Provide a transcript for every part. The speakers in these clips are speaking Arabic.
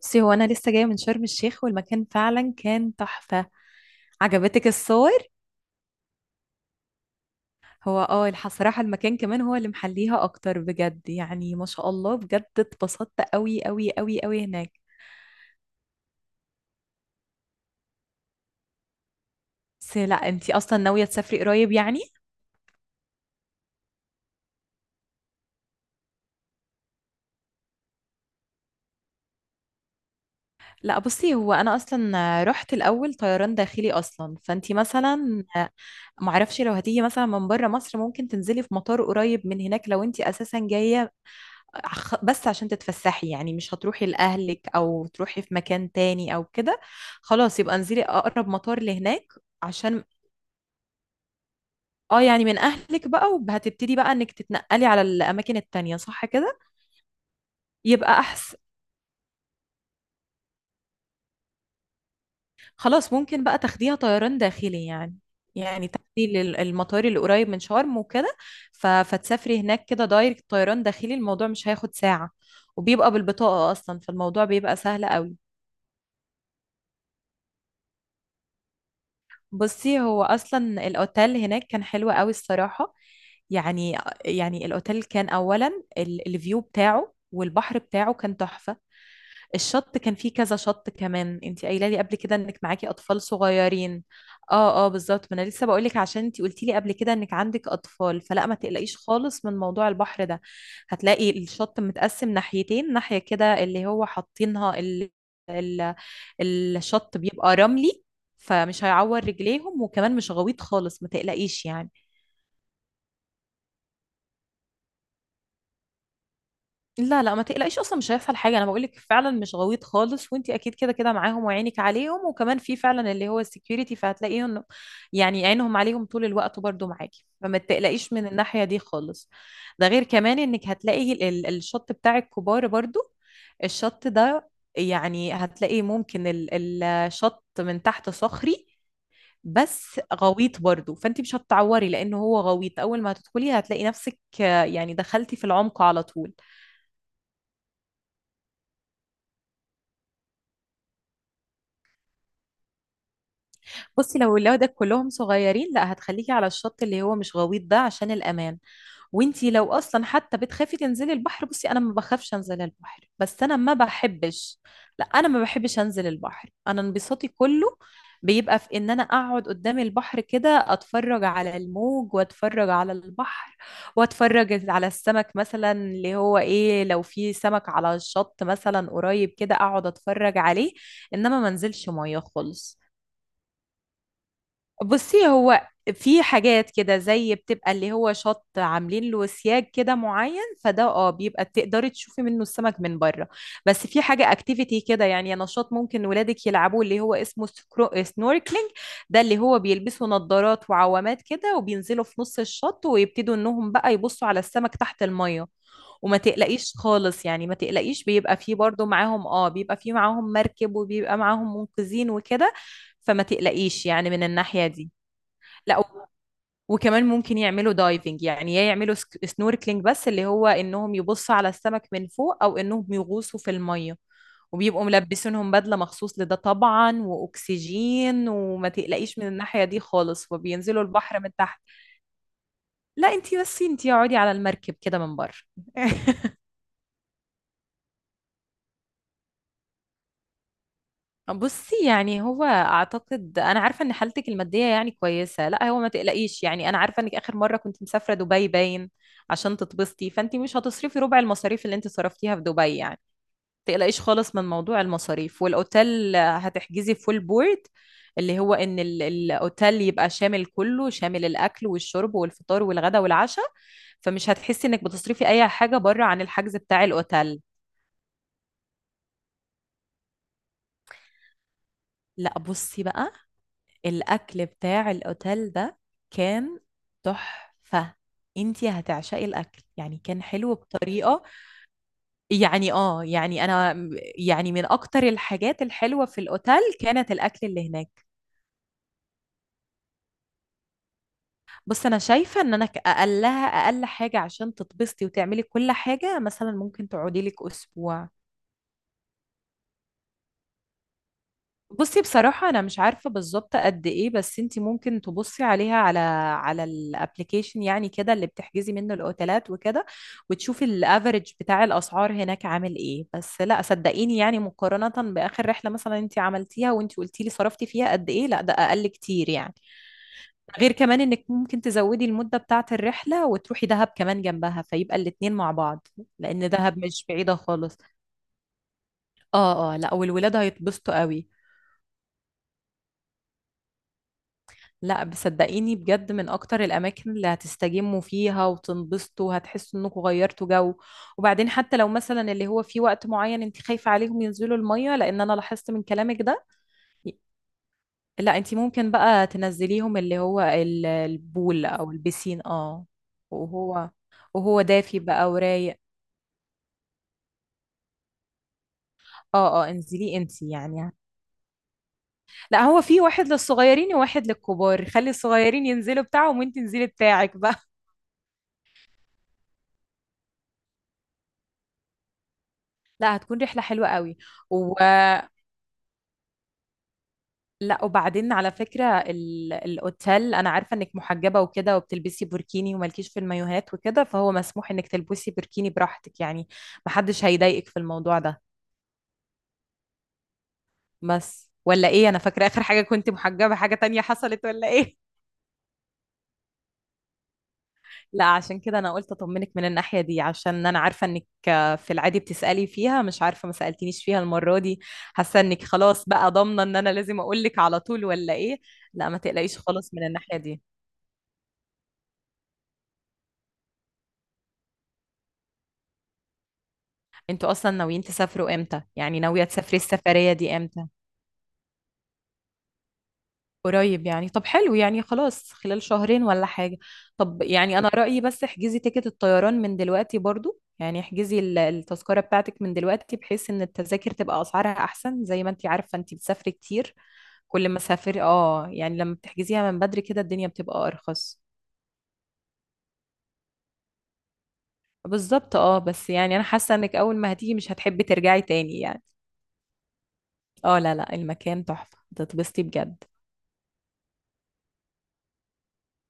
بصي، هو انا لسه جايه من شرم الشيخ والمكان فعلا كان تحفه. عجبتك الصور؟ هو اه صراحه المكان كمان هو اللي محليها اكتر بجد. يعني ما شاء الله، بجد اتبسطت قوي قوي قوي قوي هناك. بس لا، انتي اصلا ناويه تسافري قريب يعني؟ لا بصي، هو انا اصلا رحت الاول طيران داخلي اصلا، فانتي مثلا معرفش لو هتيجي مثلا من بره مصر ممكن تنزلي في مطار قريب من هناك. لو انتي اساسا جايه بس عشان تتفسحي، يعني مش هتروحي لأهلك أو تروحي في مكان تاني أو كده، خلاص يبقى انزلي أقرب مطار لهناك. عشان اه، يعني من أهلك بقى، وهتبتدي بقى إنك تتنقلي على الأماكن التانية، صح كده؟ يبقى أحسن. خلاص، ممكن بقى تاخديها طيران داخلي يعني. يعني تاخدي المطار اللي قريب من شرم وكده. فتسافري هناك كده دايركت، طيران داخلي الموضوع مش هياخد ساعة، وبيبقى بالبطاقة أصلا، فالموضوع بيبقى سهل قوي. بصي، هو اصلا الاوتيل هناك كان حلو قوي الصراحه، يعني. يعني الاوتيل كان اولا الفيو بتاعه والبحر بتاعه كان تحفه. الشط كان فيه كذا شط. كمان انت قايله لي قبل كده انك معاكي اطفال صغيرين. اه اه بالظبط، ما انا لسه بقول لك، عشان انت قلتي لي قبل كده انك عندك اطفال، فلا ما تقلقيش خالص من موضوع البحر ده. هتلاقي الشط متقسم ناحيتين، ناحيه كده اللي هو حاطينها ال... الشط بيبقى رملي، فمش هيعور رجليهم، وكمان مش غويط خالص، ما تقلقيش يعني. لا لا ما تقلقيش، اصلا مش هيحصل حاجه، انا بقول لك فعلا مش غويط خالص، وانت اكيد كده كده معاهم وعينك عليهم، وكمان في فعلا اللي هو السكيورتي فهتلاقيهم، يعني عينهم عليهم طول الوقت برضو معاكي، فما تقلقيش من الناحيه دي خالص. ده غير كمان انك هتلاقي الشط بتاع الكبار برضو. الشط ده يعني هتلاقي ممكن الشط من تحت صخري، بس غويط برضو، فانت مش هتتعوري لانه هو غويط. اول ما هتدخلي هتلاقي نفسك يعني دخلتي في العمق على طول. بصي لو ولادك كلهم صغيرين، لا هتخليكي على الشط اللي هو مش غويط ده عشان الأمان. وانتي لو اصلا حتى بتخافي تنزلي البحر، بصي انا ما بخافش انزل البحر، بس انا ما بحبش. لا انا ما بحبش انزل البحر، انا انبساطي كله بيبقى في ان انا اقعد قدام البحر كده، اتفرج على الموج واتفرج على البحر، واتفرج على السمك مثلا، اللي هو ايه، لو في سمك على الشط مثلا قريب كده اقعد اتفرج عليه، انما ما انزلش ميه خالص. بصي، هو في حاجات كده زي بتبقى اللي هو شط عاملين له سياج كده معين، فده اه بيبقى تقدري تشوفي منه السمك من بره. بس في حاجة اكتيفيتي كده، يعني نشاط ممكن ولادك يلعبوه، اللي هو اسمه سنوركلينج. ده اللي هو بيلبسوا نظارات وعوامات كده، وبينزلوا في نص الشط، ويبتدوا انهم بقى يبصوا على السمك تحت المية. وما تقلقيش خالص، يعني ما تقلقيش، بيبقى فيه برضو معاهم اه، بيبقى فيه معاهم مركب، وبيبقى معاهم منقذين وكده، فما تقلقيش يعني من الناحية دي. لا وكمان ممكن يعملوا دايفنج، يعني يا يعملوا سنوركلينج، بس اللي هو انهم يبصوا على السمك من فوق، او انهم يغوصوا في الميه، وبيبقوا ملبسينهم بدله مخصوص لده طبعا، واكسجين، وما تقلقيش من الناحيه دي خالص، وبينزلوا البحر من تحت. لا انتي، بس انتي اقعدي على المركب كده من بره. بصي، يعني هو اعتقد انا عارفه ان حالتك الماديه يعني كويسه، لا هو ما تقلقيش يعني، انا عارفه انك اخر مره كنت مسافره دبي باين عشان تتبسطي، فانت مش هتصرفي ربع المصاريف اللي انت صرفتيها في دبي يعني. ما تقلقيش خالص من موضوع المصاريف، والاوتيل هتحجزي فول بورد، اللي هو ان الاوتيل يبقى شامل، كله شامل، الاكل والشرب والفطار والغدا والعشاء، فمش هتحسي انك بتصرفي اي حاجه بره عن الحجز بتاع الاوتيل. لا بصي بقى، الأكل بتاع الأوتيل ده كان تحفة، انتي هتعشقي الأكل، يعني كان حلو بطريقة، يعني اه، يعني أنا، يعني من أكتر الحاجات الحلوة في الأوتيل كانت الأكل اللي هناك. بص أنا شايفة إن أنا أقلها أقل حاجة عشان تتبسطي وتعملي كل حاجة، مثلا ممكن تقعدي لك أسبوع. بصي بصراحة أنا مش عارفة بالظبط قد إيه، بس أنتي ممكن تبصي عليها، على الابليكيشن يعني كده اللي بتحجزي منه الأوتيلات وكده، وتشوفي الأفريج بتاع الأسعار هناك عامل إيه. بس لا صدقيني، يعني مقارنة بآخر رحلة مثلا أنتي عملتيها وأنتي قلتي لي صرفتي فيها قد إيه، لا ده أقل كتير يعني. غير كمان إنك ممكن تزودي المدة بتاعة الرحلة وتروحي دهب كمان جنبها، فيبقى الاتنين مع بعض، لأن دهب مش بعيدة خالص. آه آه، لا والولاد هيتبسطوا قوي. لا بصدقيني بجد، من اكتر الاماكن اللي هتستجموا فيها وتنبسطوا، هتحسوا انكم غيرتوا جو. وبعدين حتى لو مثلا اللي هو في وقت معين انت خايفة عليهم ينزلوا المية، لان انا لاحظت من كلامك ده، لا انت ممكن بقى تنزليهم اللي هو البول او البسين اه. وهو وهو دافي بقى ورايق. اه اه انزليه انت يعني. لا هو في واحد للصغيرين وواحد للكبار، خلي الصغيرين ينزلوا بتاعهم وانت انزلي بتاعك بقى. لا هتكون رحلة حلوة قوي. و... لا وبعدين على فكرة الأوتيل، أنا عارفة إنك محجبة وكده وبتلبسي بوركيني ومالكيش في المايوهات وكده، فهو مسموح إنك تلبسي بوركيني براحتك يعني، محدش هيضايقك في الموضوع ده. بس ولا إيه، أنا فاكرة آخر حاجة كنت محجبة، حاجة تانية حصلت ولا إيه؟ لا عشان كده أنا قلت أطمنك من الناحية دي، عشان أنا عارفة إنك في العادي بتسألي فيها، مش عارفة ما سألتنيش فيها المرة دي، حاسة إنك خلاص بقى ضامنة إن أنا لازم أقولك على طول ولا إيه؟ لا ما تقلقيش خالص من الناحية دي. انتوا اصلا ناويين تسافروا امتى يعني، ناوية تسافري السفرية دي امتى؟ قريب يعني، طب حلو يعني، خلاص خلال شهرين ولا حاجة. طب يعني انا رأيي، بس احجزي تيكت الطيران من دلوقتي برضو، يعني احجزي التذكرة بتاعتك من دلوقتي، بحيث ان التذاكر تبقى اسعارها احسن، زي ما انتي عارفة انتي بتسافري كتير. كل ما سافري اه، يعني لما بتحجزيها من بدري كده الدنيا بتبقى ارخص. بالظبط اه، بس يعني انا حاسة انك اول ما هتيجي مش هتحبي ترجعي تاني يعني. اه لا لا، المكان تحفة هتتبسطي بجد.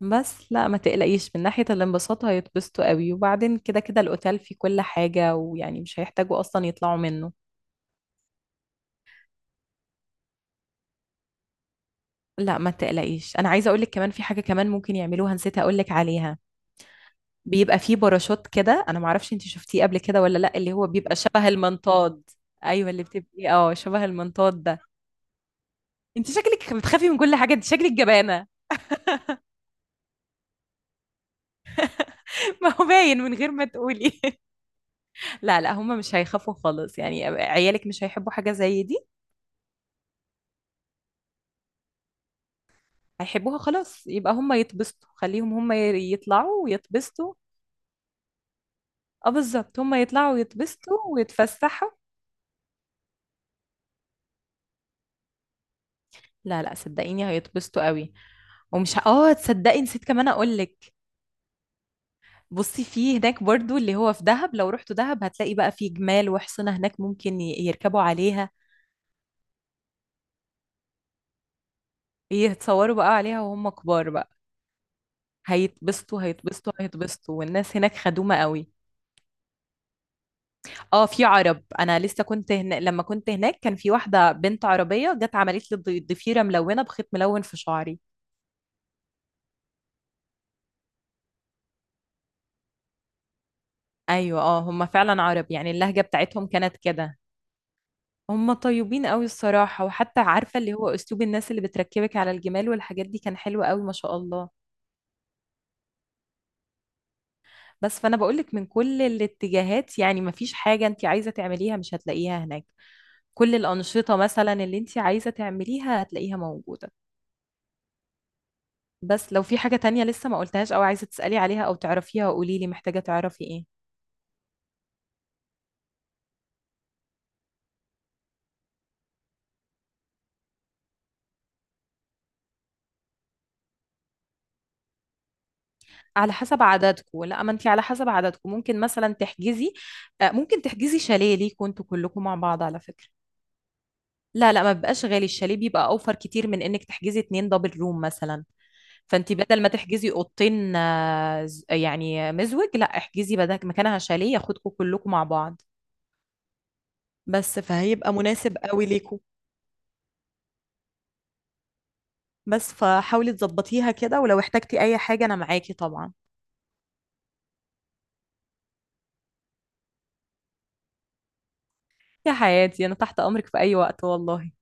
بس لا ما تقلقيش من ناحية الانبساط، هيتبسطوا قوي، وبعدين كده كده الأوتيل فيه كل حاجة ويعني مش هيحتاجوا أصلا يطلعوا منه. لا ما تقلقيش، أنا عايزة أقولك كمان في حاجة كمان ممكن يعملوها، نسيت أقولك عليها. بيبقى فيه باراشوت كده، أنا معرفش أنت شفتيه قبل كده ولا لا، اللي هو بيبقى شبه المنطاد. أيوة اللي بتبقي اه شبه المنطاد ده. أنت شكلك بتخافي من كل حاجة، أنت شكلك جبانة. ما هو باين من غير ما تقولي. لا لا هم مش هيخافوا خالص، يعني عيالك مش هيحبوا حاجة زي دي؟ هيحبوها، خلاص يبقى هم يتبسطوا، خليهم هم يطلعوا ويتبسطوا. اه بالظبط، هم يطلعوا ويتبسطوا ويتفسحوا. لا لا صدقيني هيتبسطوا قوي. ومش ه- اه تصدقي نسيت كمان اقول لك. بصي في هناك برضو اللي هو في دهب، لو رحتوا دهب هتلاقي بقى في جمال وحصنة هناك ممكن يركبوا عليها، يتصوروا بقى عليها وهم كبار بقى. هيتبسطوا هيتبسطوا هيتبسطوا، والناس هناك خدومة قوي. اه في عرب، انا لسه كنت هنا لما كنت هناك كان في واحده بنت عربيه جت عملت لي ضفيره ملونه بخيط ملون في شعري. ايوه اه، هم فعلا عرب، يعني اللهجه بتاعتهم كانت كده. هم طيبين قوي الصراحه، وحتى عارفه اللي هو اسلوب الناس اللي بتركبك على الجمال والحاجات دي كان حلو قوي ما شاء الله. بس فانا بقولك من كل الاتجاهات، يعني ما فيش حاجه انت عايزه تعمليها مش هتلاقيها هناك، كل الانشطه مثلا اللي انت عايزه تعمليها هتلاقيها موجوده. بس لو في حاجة تانية لسه ما قلتهاش او عايزة تسألي عليها او تعرفيها، قولي لي، محتاجة تعرفي ايه؟ على حسب عددكم، لا ما انت على حسب عددكم ممكن مثلا تحجزي ممكن تحجزي شاليه ليكوا انتوا كلكم مع بعض على فكرة. لا لا ما بيبقاش غالي، الشاليه بيبقى اوفر كتير من انك تحجزي اتنين دبل روم مثلا. فانت بدل ما تحجزي اوضتين يعني مزوج، لا احجزي بدل مكانها شاليه ياخدكم كلكم مع بعض. بس فهيبقى مناسب قوي ليكوا. بس فحاولي تظبطيها كده، ولو احتجتي اي حاجة انا معاكي طبعا. يا حياتي انا تحت امرك في اي وقت والله.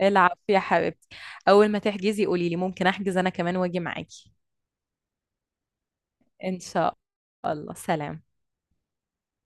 العب يا حبيبتي، اول ما تحجزي قولي لي، ممكن احجز انا كمان واجي معاكي. ان شاء الله، سلام.